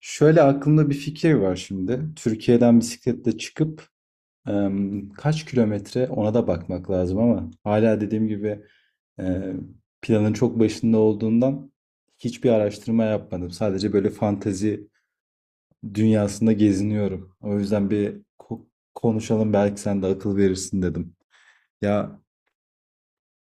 Şöyle aklımda bir fikir var şimdi. Türkiye'den bisikletle çıkıp kaç kilometre ona da bakmak lazım, ama hala dediğim gibi e, planın çok başında olduğundan hiçbir araştırma yapmadım. Sadece böyle fantezi dünyasında geziniyorum. O yüzden konuşalım belki sen de akıl verirsin dedim. Ya,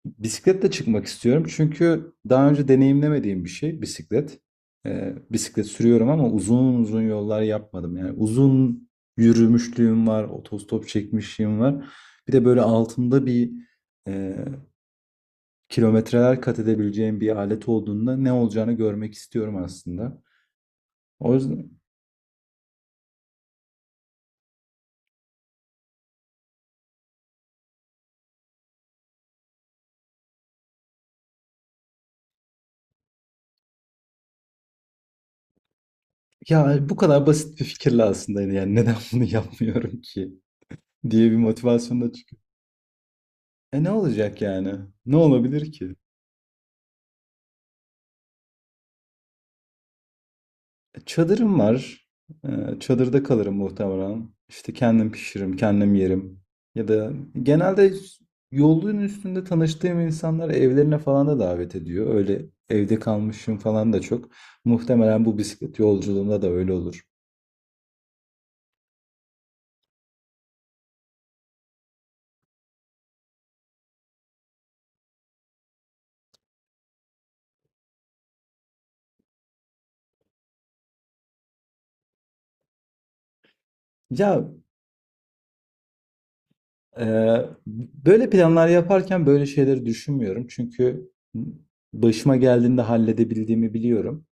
bisikletle çıkmak istiyorum çünkü daha önce deneyimlemediğim bir şey bisiklet. Bisiklet sürüyorum ama uzun uzun yollar yapmadım. Yani uzun yürümüşlüğüm var, otostop çekmişliğim var. Bir de böyle altında bir e, kilometreler kat edebileceğim bir alet olduğunda ne olacağını görmek istiyorum aslında. O yüzden ya bu kadar basit bir fikirle aslında yani neden bunu yapmıyorum ki diye bir motivasyonla çıkıyor. E ne olacak yani? Ne olabilir ki? Çadırım var. Çadırda kalırım muhtemelen. İşte kendim pişiririm, kendim yerim. Ya da genelde yolun üstünde tanıştığım insanlar evlerine falan da davet ediyor. Öyle evde kalmışım falan da çok. Muhtemelen bu bisiklet yolculuğunda da öyle olur. Ya e, böyle planlar yaparken böyle şeyleri düşünmüyorum. Çünkü başıma geldiğinde halledebildiğimi biliyorum.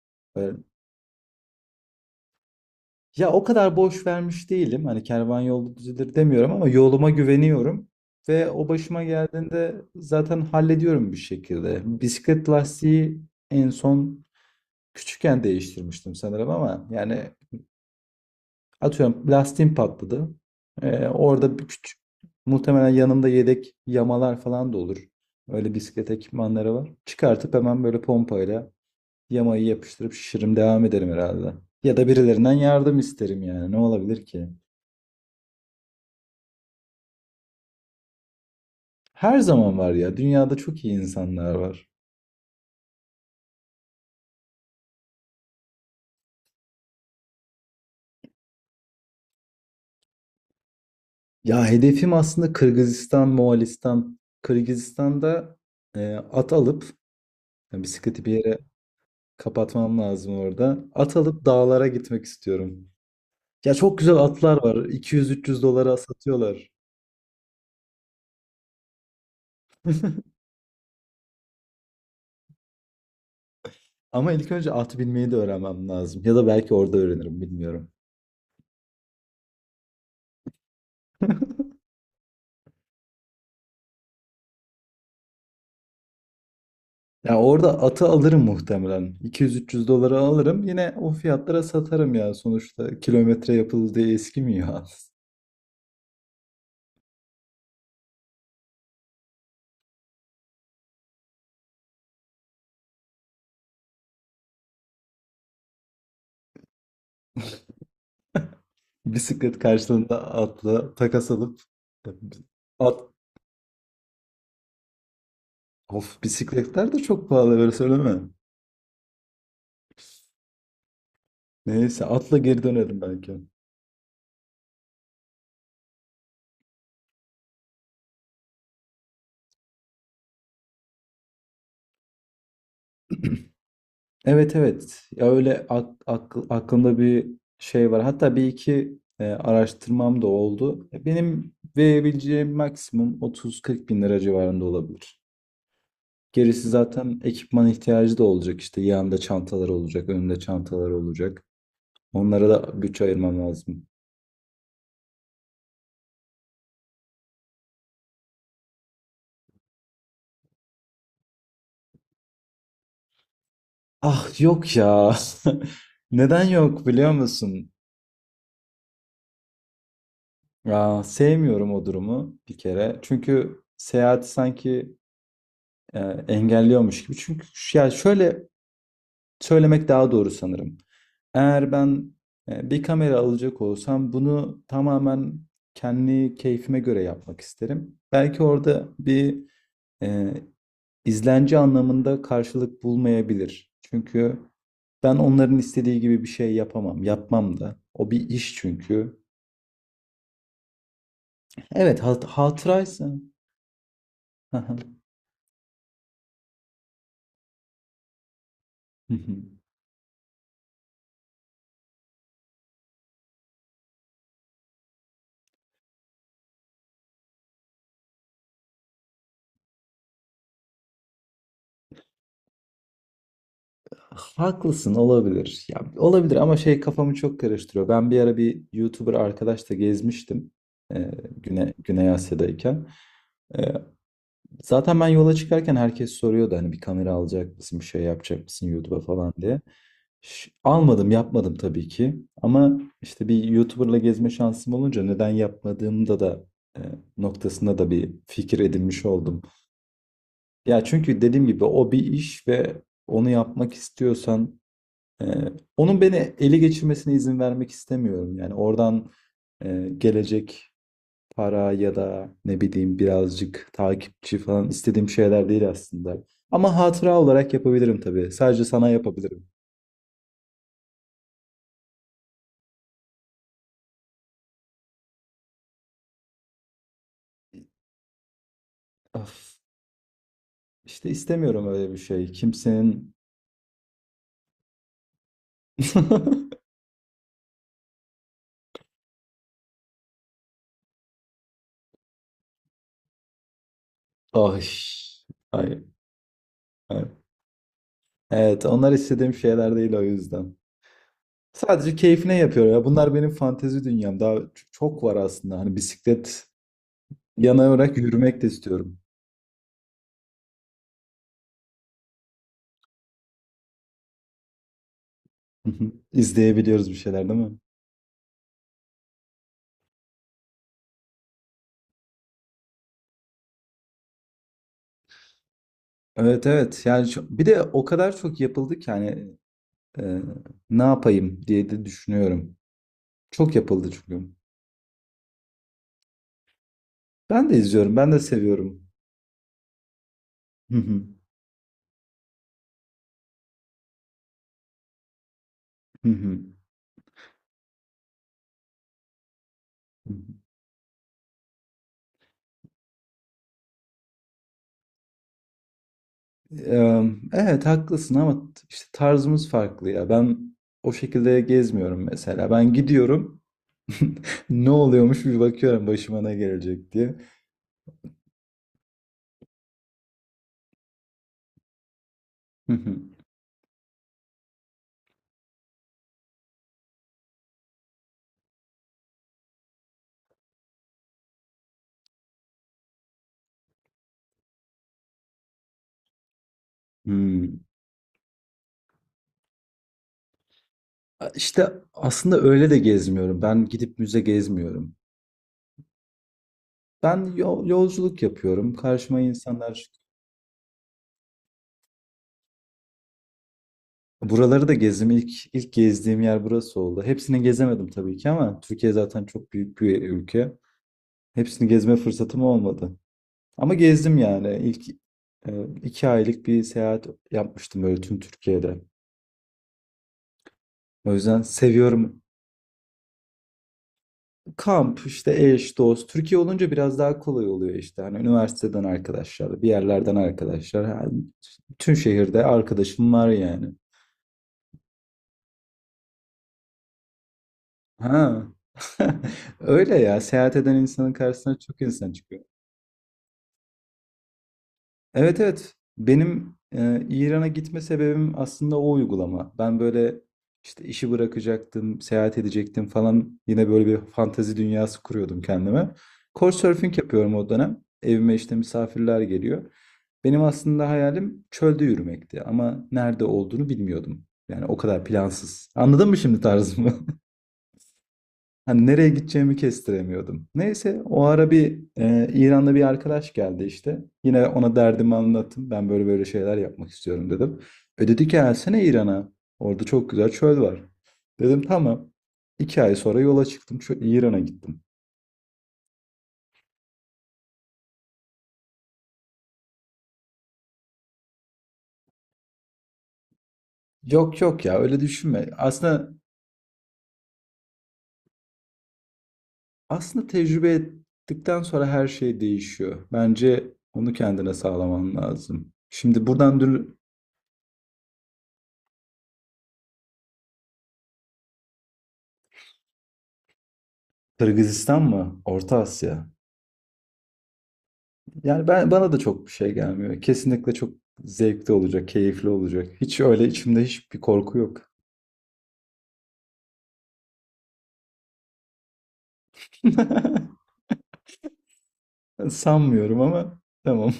Ya o kadar boş vermiş değilim. Hani kervan yolda düzelir demiyorum ama yoluma güveniyorum. Ve o başıma geldiğinde zaten hallediyorum bir şekilde. Bisiklet lastiği en son küçükken değiştirmiştim sanırım ama yani atıyorum lastiğim patladı. Orada bir küçük muhtemelen yanımda yedek yamalar falan da olur. Öyle bisiklet ekipmanları var. Çıkartıp hemen böyle pompayla yamayı yapıştırıp şişirim, devam ederim herhalde. Ya da birilerinden yardım isterim. Yani ne olabilir ki? Her zaman var ya. Dünyada çok iyi insanlar var. Ya hedefim aslında Kırgızistan, Moğolistan. Kırgızistan'da at alıp, yani bisikleti bir yere kapatmam lazım orada. At alıp dağlara gitmek istiyorum. Ya çok güzel atlar var. 200-300 dolara satıyorlar. Ama ilk önce at binmeyi de öğrenmem lazım. Ya da belki orada öğrenirim, bilmiyorum. Ya orada atı alırım muhtemelen. 200-300 dolara alırım. Yine o fiyatlara satarım ya. Sonuçta kilometre yapıldı diye eskimiyor at. Bisiklet karşılığında atla takas alıp at of, bisikletler de çok pahalı, böyle söyleme. Neyse atla geri dönerim belki. Evet, evet, ya öyle aklımda bir şey var. Hatta bir iki araştırmam da oldu. Benim verebileceğim maksimum 30-40 bin lira civarında olabilir. Gerisi zaten ekipman ihtiyacı da olacak. İşte yanında çantalar olacak, önünde çantalar olacak. Onlara da bütçe ayırmam lazım. Ah, yok ya. Neden yok biliyor musun? Ya, sevmiyorum o durumu bir kere. Çünkü seyahati sanki e, engelliyormuş gibi. Ya şöyle söylemek daha doğru sanırım. Eğer ben bir kamera alacak olsam bunu tamamen kendi keyfime göre yapmak isterim. Belki orada bir e, izlenci anlamında karşılık bulmayabilir. Çünkü ben onların istediği gibi bir şey yapamam. Yapmam da. O bir iş çünkü. Evet, hatıraysa. Haklısın, olabilir. Ya, olabilir ama şey kafamı çok karıştırıyor. Ben bir ara bir YouTuber arkadaşla gezmiştim. Ee, Güney Asya'dayken. Ee, Zaten ben yola çıkarken herkes soruyordu hani bir kamera alacak mısın, bir şey yapacak mısın YouTube'a falan diye. Almadım, yapmadım tabii ki. Ama işte bir YouTuber'la gezme şansım olunca neden yapmadığımda da e, noktasında da bir fikir edinmiş oldum. Ya çünkü dediğim gibi o bir iş ve onu yapmak istiyorsan e, onun beni ele geçirmesine izin vermek istemiyorum. Yani oradan gelecek para ya da ne bileyim birazcık takipçi falan istediğim şeyler değil aslında. Ama hatıra olarak yapabilirim tabii. Sadece sana yapabilirim. Of, işte istemiyorum öyle bir şey. Kimsenin... Ay, ay, ay. Evet, onlar istediğim şeyler değil o yüzden. Sadece keyfine yapıyor ya. Bunlar benim fantezi dünyam. Daha çok var aslında. Hani bisiklet yanarak yürümek de istiyorum. Hı hı. İzleyebiliyoruz bir şeyler değil mi? Evet, evet, yani bir de o kadar çok yapıldı ki hani Ee, ne yapayım diye de düşünüyorum. Çok yapıldı çünkü. Ben de izliyorum, ben de seviyorum. Hı hı, hı hı. Ee, Evet, haklısın ama işte tarzımız farklı ya. Ben o şekilde gezmiyorum mesela. Ben gidiyorum. Ne oluyormuş bir bakıyorum, başıma ne gelecek diye. Hı hı. Hmm. İşte aslında öyle de gezmiyorum. Ben gidip müze gezmiyorum. Ben yolculuk yapıyorum. Karşıma insanlar buraları da gezdim. İlk gezdiğim yer burası oldu. Hepsini gezemedim tabii ki ama Türkiye zaten çok büyük bir ülke. Hepsini gezme fırsatım olmadı. Ama gezdim yani. İlk e, iki aylık bir seyahat yapmıştım böyle tüm Türkiye'de. O yüzden seviyorum. Kamp, işte eş, dost. Türkiye olunca biraz daha kolay oluyor işte. Hani üniversiteden arkadaşlar, bir yerlerden arkadaşlar. Ha, tüm şehirde arkadaşım var yani. Ha. Öyle ya. Seyahat eden insanın karşısına çok insan çıkıyor. Evet, evet. Benim İran'a gitme sebebim aslında o uygulama. Ben böyle işte işi bırakacaktım, seyahat edecektim falan. Yine böyle bir fantezi dünyası kuruyordum kendime. Couchsurfing yapıyorum o dönem. Evime işte misafirler geliyor. Benim aslında hayalim çölde yürümekti ama nerede olduğunu bilmiyordum. Yani o kadar plansız. Anladın mı şimdi tarzımı? Hani nereye gideceğimi kestiremiyordum. Neyse o ara bir İran'da bir arkadaş geldi işte. Yine ona derdimi anlattım. Ben böyle böyle şeyler yapmak istiyorum dedim. E dedi ki gelsene İran'a. Orada çok güzel çöl var. Dedim tamam. İki ay sonra yola çıktım. Şu İran'a gittim. Yok, yok ya, öyle düşünme. Aslında tecrübe ettikten sonra her şey değişiyor. Bence onu kendine sağlaman lazım. Şimdi buradan dur Kırgızistan mı? Orta Asya. Yani ben, bana da çok bir şey gelmiyor. Kesinlikle çok zevkli olacak, keyifli olacak. Hiç öyle içimde hiçbir korku yok. Sanmıyorum ama tamam.